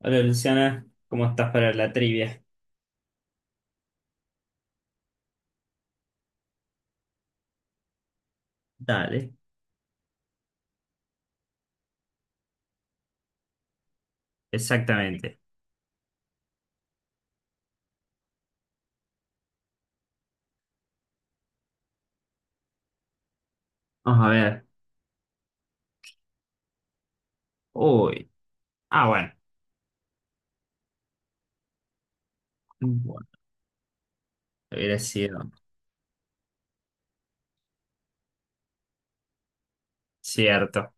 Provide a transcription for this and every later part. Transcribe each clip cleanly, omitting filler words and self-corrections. Hola Luciana, ¿cómo estás para la trivia? Dale, exactamente. Vamos a ver. Uy. Ah, bueno. Bueno, hubiera sido cierto.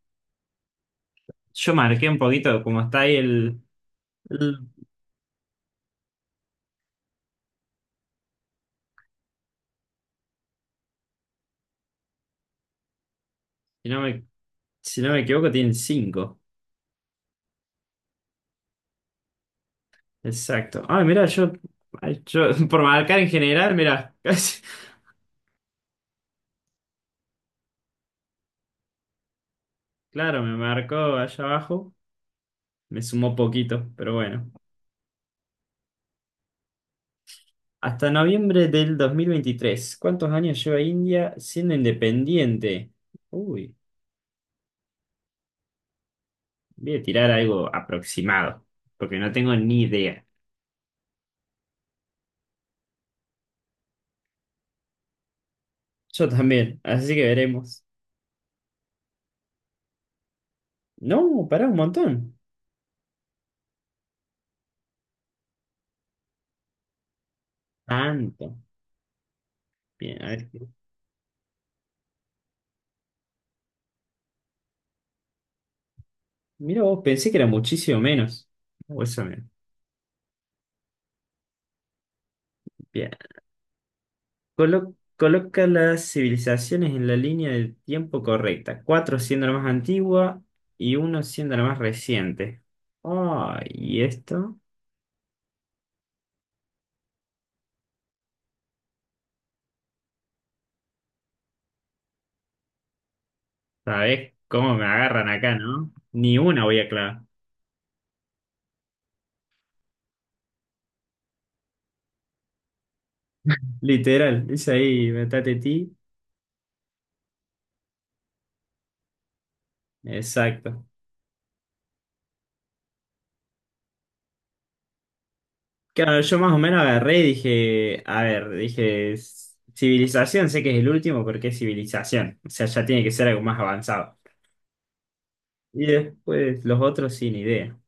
Yo marqué un poquito, como está ahí el- si no me, si no me equivoco, tienen cinco. Exacto. Ah mira, yo por marcar en general, mira, claro, me marcó allá abajo, me sumó poquito, pero bueno. Hasta noviembre del 2023. ¿Cuántos años lleva India siendo independiente? Uy, voy a tirar algo aproximado, porque no tengo ni idea. Yo también, así que veremos. No, pará un montón. Tanto. Bien, a ver. Mira vos, pensé que era muchísimo menos. O eso menos. Bien. Coloca las civilizaciones en la línea del tiempo correcta. Cuatro siendo la más antigua y uno siendo la más reciente. Ay, ¿y esto? ¿Sabés cómo me agarran acá, no? Ni una voy a clavar. Literal, dice ahí, metate ti. Exacto. Claro, yo más o menos agarré y dije, "Civilización, sé que es el último porque es civilización. O sea, ya tiene que ser algo más avanzado. Y después los otros sin idea.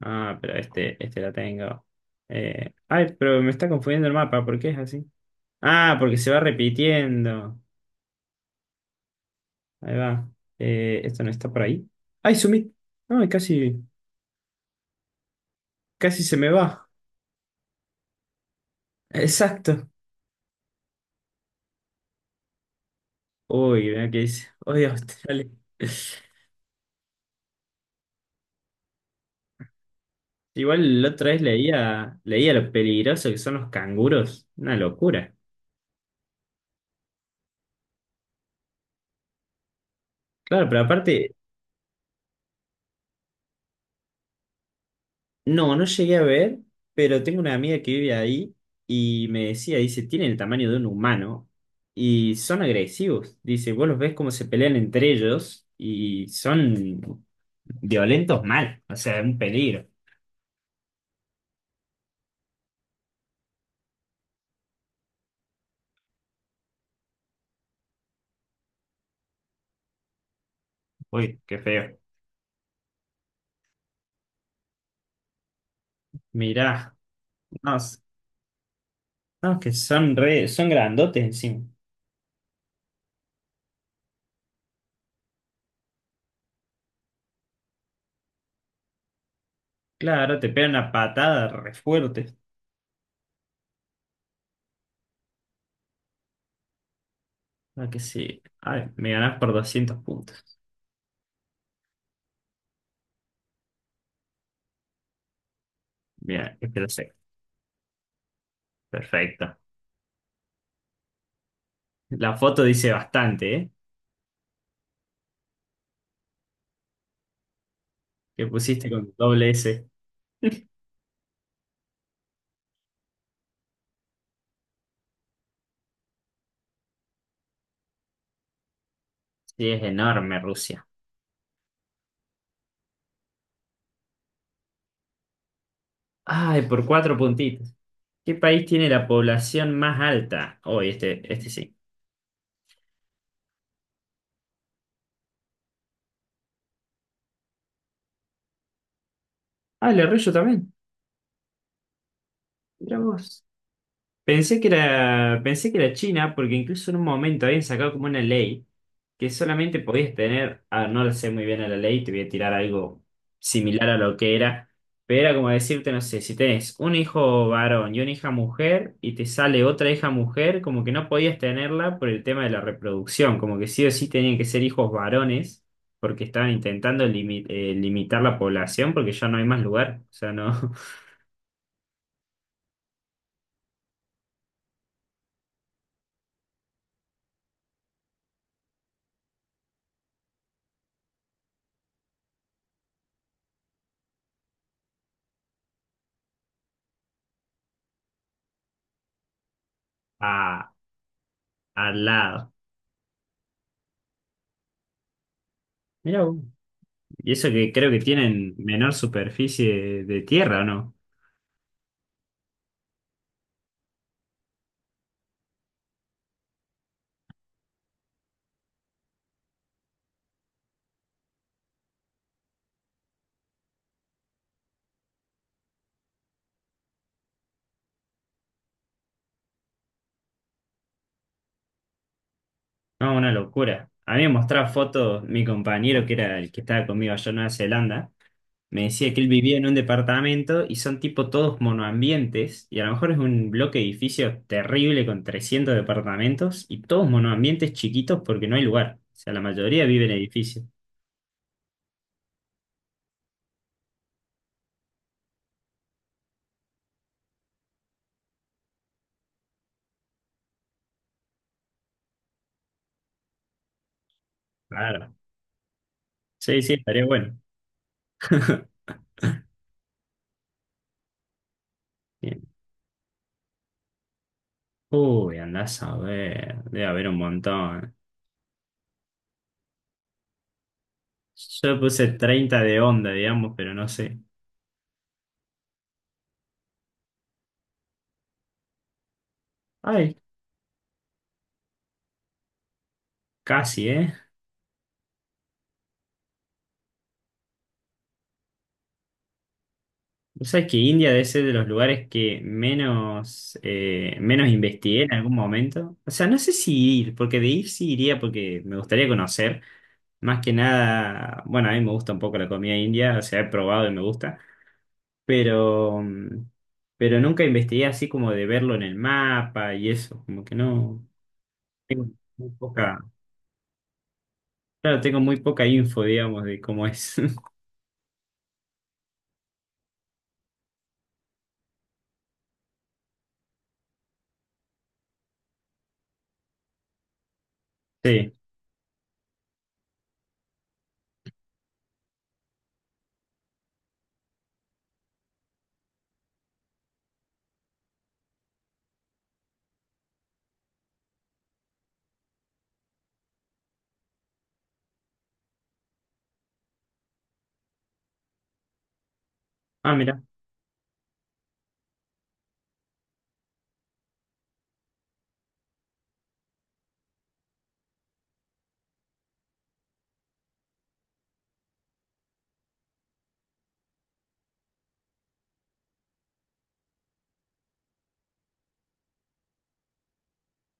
Ah, pero este la tengo. Ay, pero me está confundiendo el mapa, ¿por qué es así? Ah, porque se va repitiendo. Ahí va. Esto no está por ahí. Ay, Sumit. No, casi. Casi se me va. Exacto. Uy, mira qué dice. Oye, Australia. Igual la otra vez leía lo peligroso que son los canguros. Una locura. Claro, pero aparte, no, no llegué a ver, pero tengo una amiga que vive ahí y me decía, dice, tienen el tamaño de un humano y son agresivos. Dice, vos los ves cómo se pelean entre ellos y son violentos mal. O sea, un peligro. Uy, qué feo. Mirá. No, no, que son grandotes encima. Claro, te pegan una patada re fuerte. Ah, que sí. Ay, me ganás por 200 puntos. Bien, es que lo sé. Perfecto. La foto dice bastante, ¿eh? Que pusiste con doble S. Sí, es enorme Rusia. Ay, por cuatro puntitos. ¿Qué país tiene la población más alta? Oh, y este sí. Ah, el de Arroyo también. Mirá vos. Pensé que era China, porque incluso en un momento habían sacado como una ley que solamente podías tener, ah, no lo sé muy bien a la ley, te voy a tirar algo similar a lo que era, pero era como decirte, no sé, si tenés un hijo varón y una hija mujer y te sale otra hija mujer, como que no podías tenerla por el tema de la reproducción, como que sí o sí tenían que ser hijos varones, porque estaban intentando limitar la población, porque ya no hay más lugar, o sea, no, a, al lado. Mira. Y eso que creo que tienen menor superficie de tierra, ¿o no? No, una locura. A mí me mostraba fotos, mi compañero, que era el que estaba conmigo allá en Nueva Zelanda, me decía que él vivía en un departamento y son tipo todos monoambientes, y a lo mejor es un bloque de edificios terrible con 300 departamentos y todos monoambientes chiquitos porque no hay lugar. O sea, la mayoría vive en edificios. Claro. Sí, sí, estaría bueno. Bien. Uy, andás a ver, debe haber un montón. Yo le puse 30 de onda, digamos, pero no sé. Ay, casi, ¿eh? O sea, que India debe ser de los lugares que menos investigué en algún momento. O sea, no sé si ir, porque de ir sí iría porque me gustaría conocer. Más que nada, bueno, a mí me gusta un poco la comida india, o sea, he probado y me gusta, pero, mm, pero nunca investigué así como de verlo en el mapa y eso, como que no. Tengo muy poca, claro, tengo muy poca info, digamos, de cómo es. Sí. Ah, mira.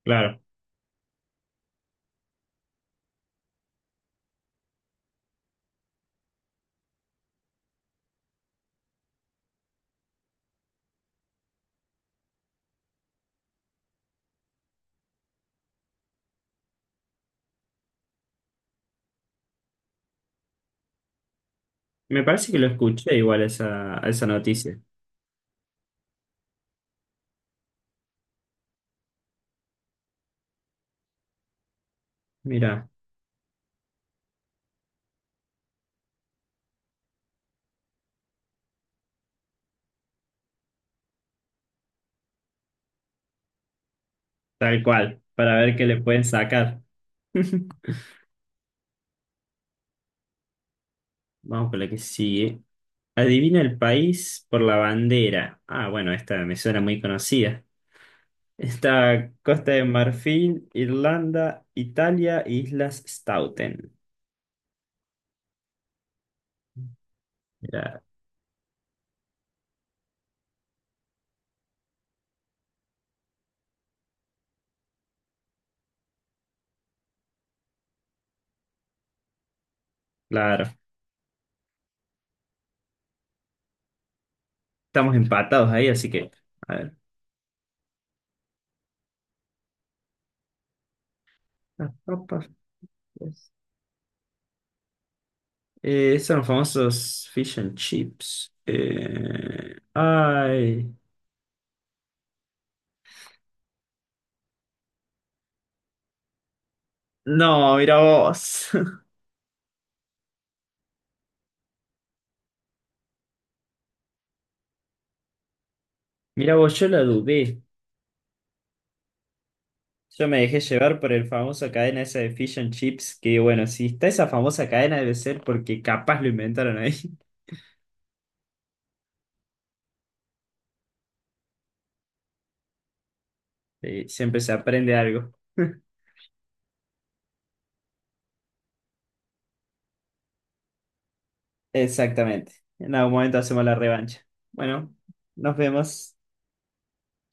Claro. Me parece que lo escuché igual esa, esa noticia. Mira, tal cual, para ver qué le pueden sacar. Vamos con la que sigue. Adivina el país por la bandera. Ah, bueno, esta me suena muy conocida. Está Costa de Marfil, Irlanda, Italia, Islas Stauten. Mira, claro. Estamos empatados ahí, así que. A ver. Las papas, pues. Son los famosos fish and chips. Ay. No, mira vos. Mira vos, yo la dudé. Yo me dejé llevar por el famoso cadena esa de Fish and Chips, que bueno, si está esa famosa cadena debe ser porque capaz lo inventaron ahí. Sí, siempre se aprende algo. Exactamente. En algún momento hacemos la revancha. Bueno, nos vemos.